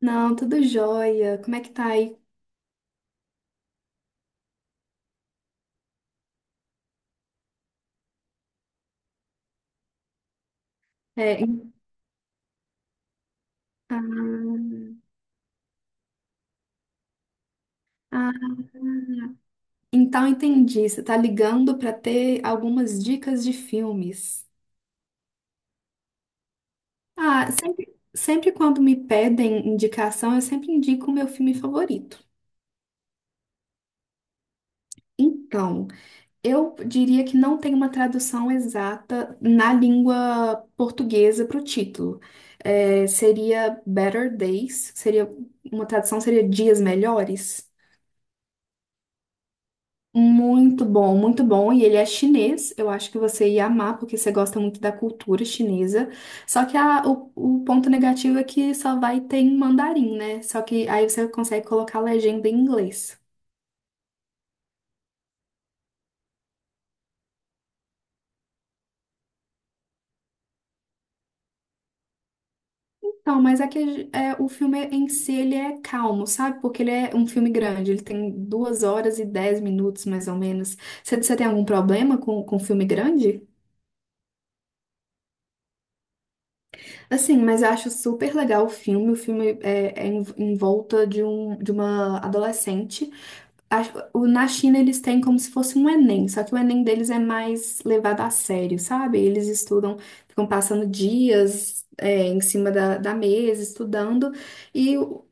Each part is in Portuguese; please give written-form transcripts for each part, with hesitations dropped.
Não, tudo jóia. Como é que tá aí? É, em- ah, ah, então entendi. Você tá ligando para ter algumas dicas de filmes. Ah, sempre quando me pedem indicação, eu sempre indico o meu filme favorito. Então, eu diria que não tem uma tradução exata na língua portuguesa para o título. É, seria Better Days, seria uma tradução seria Dias Melhores. Muito bom, muito bom. E ele é chinês. Eu acho que você ia amar, porque você gosta muito da cultura chinesa. Só que o ponto negativo é que só vai ter em mandarim, né? Só que aí você consegue colocar a legenda em inglês. Então, o filme em si ele é calmo, sabe? Porque ele é um filme grande, ele tem duas horas e dez minutos, mais ou menos. Você tem algum problema com filme grande? Assim, mas eu acho super legal o filme. O filme é em volta de, um, de uma adolescente. Na China eles têm como se fosse um Enem, só que o Enem deles é mais levado a sério, sabe? Eles estudam, ficam passando dias, em cima da, da mesa, estudando, e, o-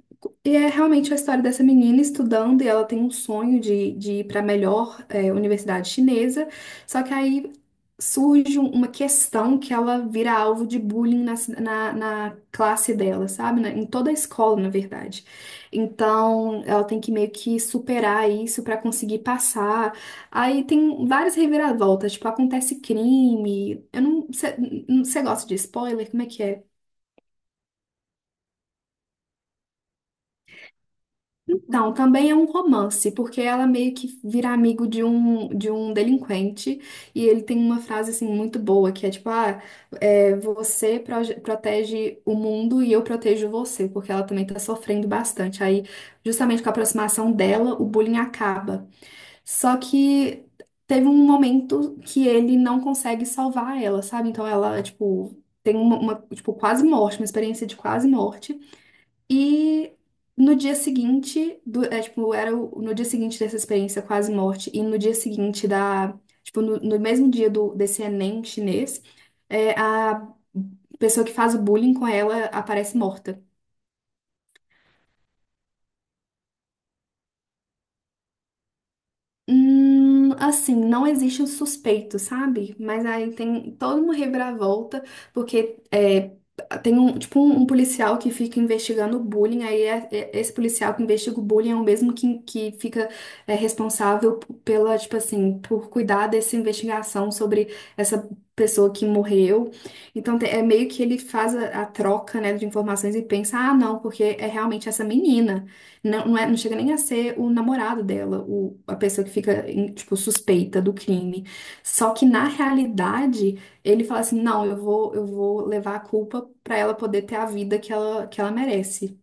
e é realmente a história dessa menina estudando, e ela tem um sonho de ir para a melhor, universidade chinesa, só que aí surge uma questão que ela vira alvo de bullying na na classe dela, sabe? Em toda a escola, na verdade. Então, ela tem que meio que superar isso pra conseguir passar. Aí tem várias reviravoltas, tipo, acontece crime. Eu não, você gosta de spoiler? Como é que é? Não, também é um romance, porque ela meio que vira amigo de um delinquente, e ele tem uma frase assim muito boa, que é tipo, ah, é, você protege o mundo e eu protejo você, porque ela também tá sofrendo bastante. Aí, justamente com a aproximação dela, o bullying acaba. Só que teve um momento que ele não consegue salvar ela, sabe? Então ela, tipo, tem tipo, quase morte, uma experiência de quase morte. E no dia seguinte, é, tipo, no dia seguinte dessa experiência quase morte, e no dia seguinte da, tipo, no mesmo dia do, desse Enem chinês, a pessoa que faz o bullying com ela aparece morta. Assim, não existe um suspeito, sabe? Mas aí tem toda uma reviravolta, porque é, tem um, tipo, um policial que fica investigando o bullying, aí esse policial que investiga o bullying é o mesmo que fica responsável pela, tipo assim, por cuidar dessa investigação sobre essa pessoa que morreu. Então é meio que ele faz a troca, né, de informações e pensa, ah, não, porque é realmente essa menina. Não, não, é, não chega nem a ser o namorado dela, o, a pessoa que fica, em, tipo, suspeita do crime. Só que, na realidade, ele fala assim, não, eu vou levar a culpa pra ela poder ter a vida que ela merece.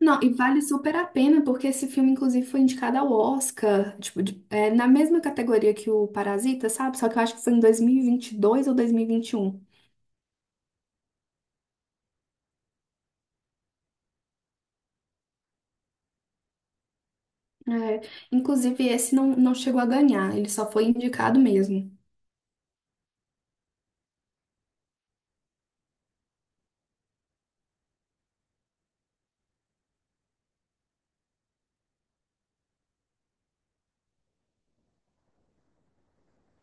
Não, e vale super a pena, porque esse filme, inclusive, foi indicado ao Oscar, tipo, é, na mesma categoria que o Parasita, sabe? Só que eu acho que foi em dois mil e vinte e dois ou 2021. É, inclusive, esse não, não chegou a ganhar, ele só foi indicado mesmo.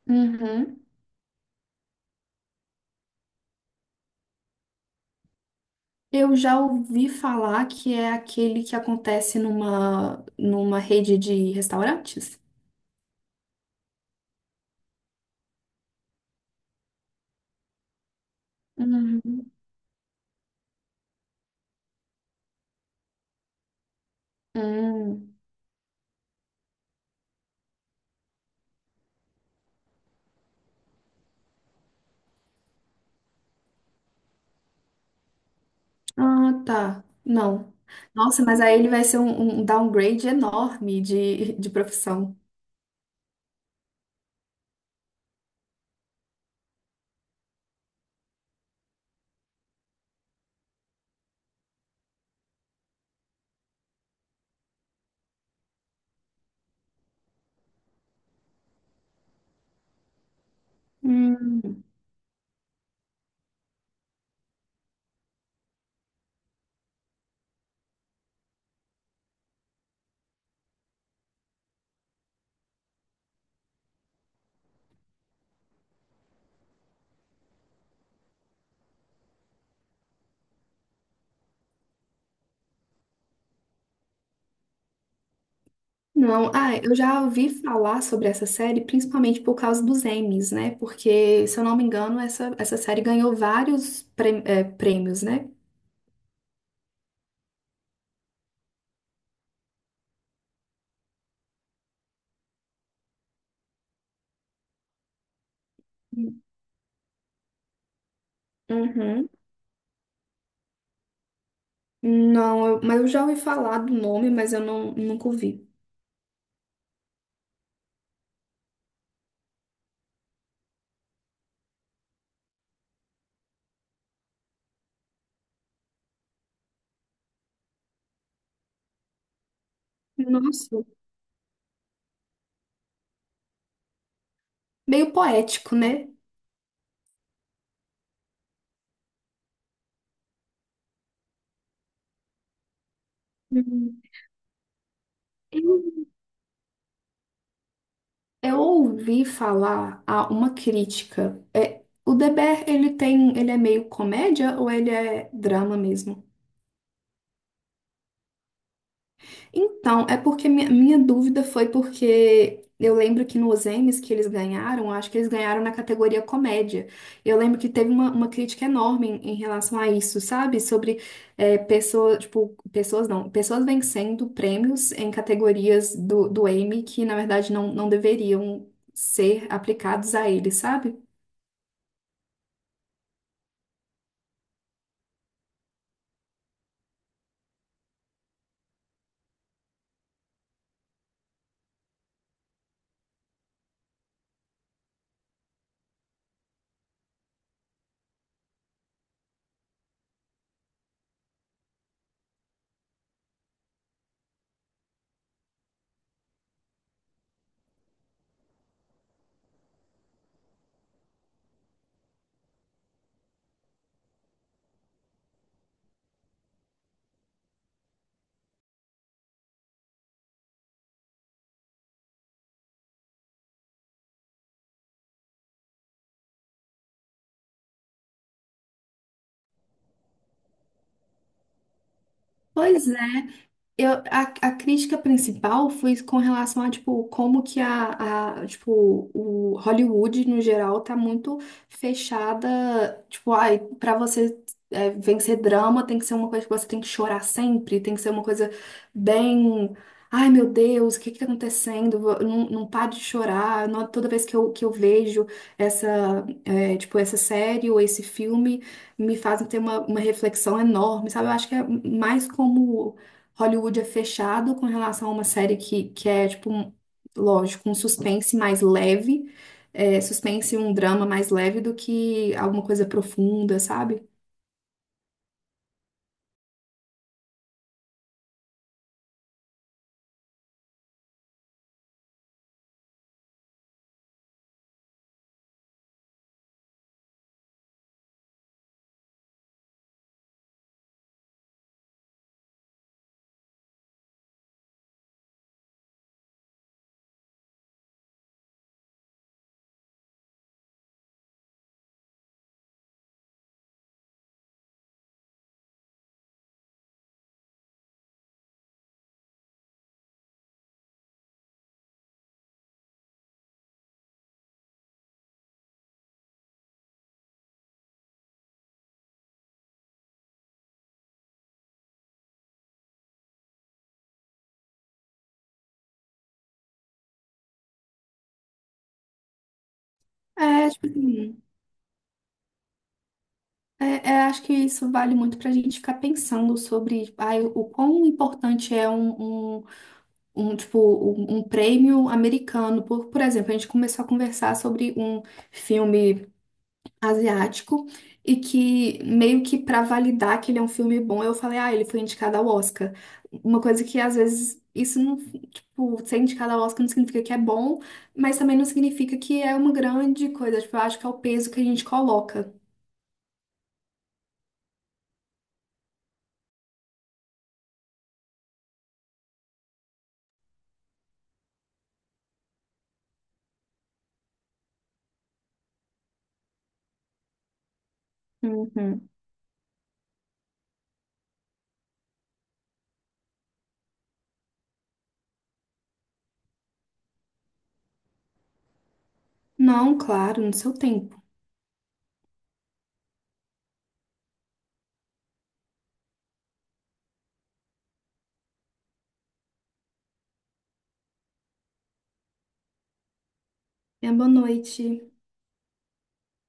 Uhum. Eu já ouvi falar que é aquele que acontece numa, numa rede de restaurantes? Uhum. Hum. Ah, tá. Não. Nossa, mas aí ele vai ser um, um downgrade enorme de profissão. Hum. Não, ah, eu já ouvi falar sobre essa série principalmente por causa dos Emmys, né? Porque, se eu não me engano, essa série ganhou vários prêmios, né? Uhum. Não, mas eu já ouvi falar do nome, mas eu não, nunca ouvi. Nossa, meio poético, né? Uhum. Eu, eu ouvi falar a uma crítica. É, o Deber, ele tem, ele é meio comédia ou ele é drama mesmo? Então, é porque minha dúvida foi porque eu lembro que nos Emmys que eles ganharam, acho que eles ganharam na categoria comédia. Eu lembro que teve uma crítica enorme em, em relação a isso, sabe? Sobre pessoas, tipo, pessoas não, pessoas vencendo prêmios em categorias do, do Emmy que, na verdade, não, não deveriam ser aplicados a eles, sabe? Pois é. A crítica principal foi com relação a, tipo, como que a, tipo, o Hollywood, no geral, tá muito fechada, tipo, ai, pra você vencer drama tem que ser uma coisa que você tem que chorar sempre, tem que ser uma coisa bem, ai, meu Deus, o que que tá acontecendo? Não, não para de chorar. Toda vez que eu vejo essa, é, tipo, essa série ou esse filme, me fazem ter uma reflexão enorme, sabe? Eu acho que é mais como Hollywood é fechado com relação a uma série que é, tipo, lógico, um suspense mais leve, é, suspense e um drama mais leve do que alguma coisa profunda, sabe? É, tipo assim, acho que isso vale muito pra gente ficar pensando sobre ai, o quão importante é um, um, um, tipo, um prêmio americano. Por exemplo, a gente começou a conversar sobre um filme. Asiático e que meio que pra validar que ele é um filme bom, eu falei, ah, ele foi indicado ao Oscar. Uma coisa que às vezes isso não, tipo, ser indicado ao Oscar não significa que é bom, mas também não significa que é uma grande coisa. Tipo, eu acho que é o peso que a gente coloca. Uhum. Não, claro, no seu tempo. É boa noite.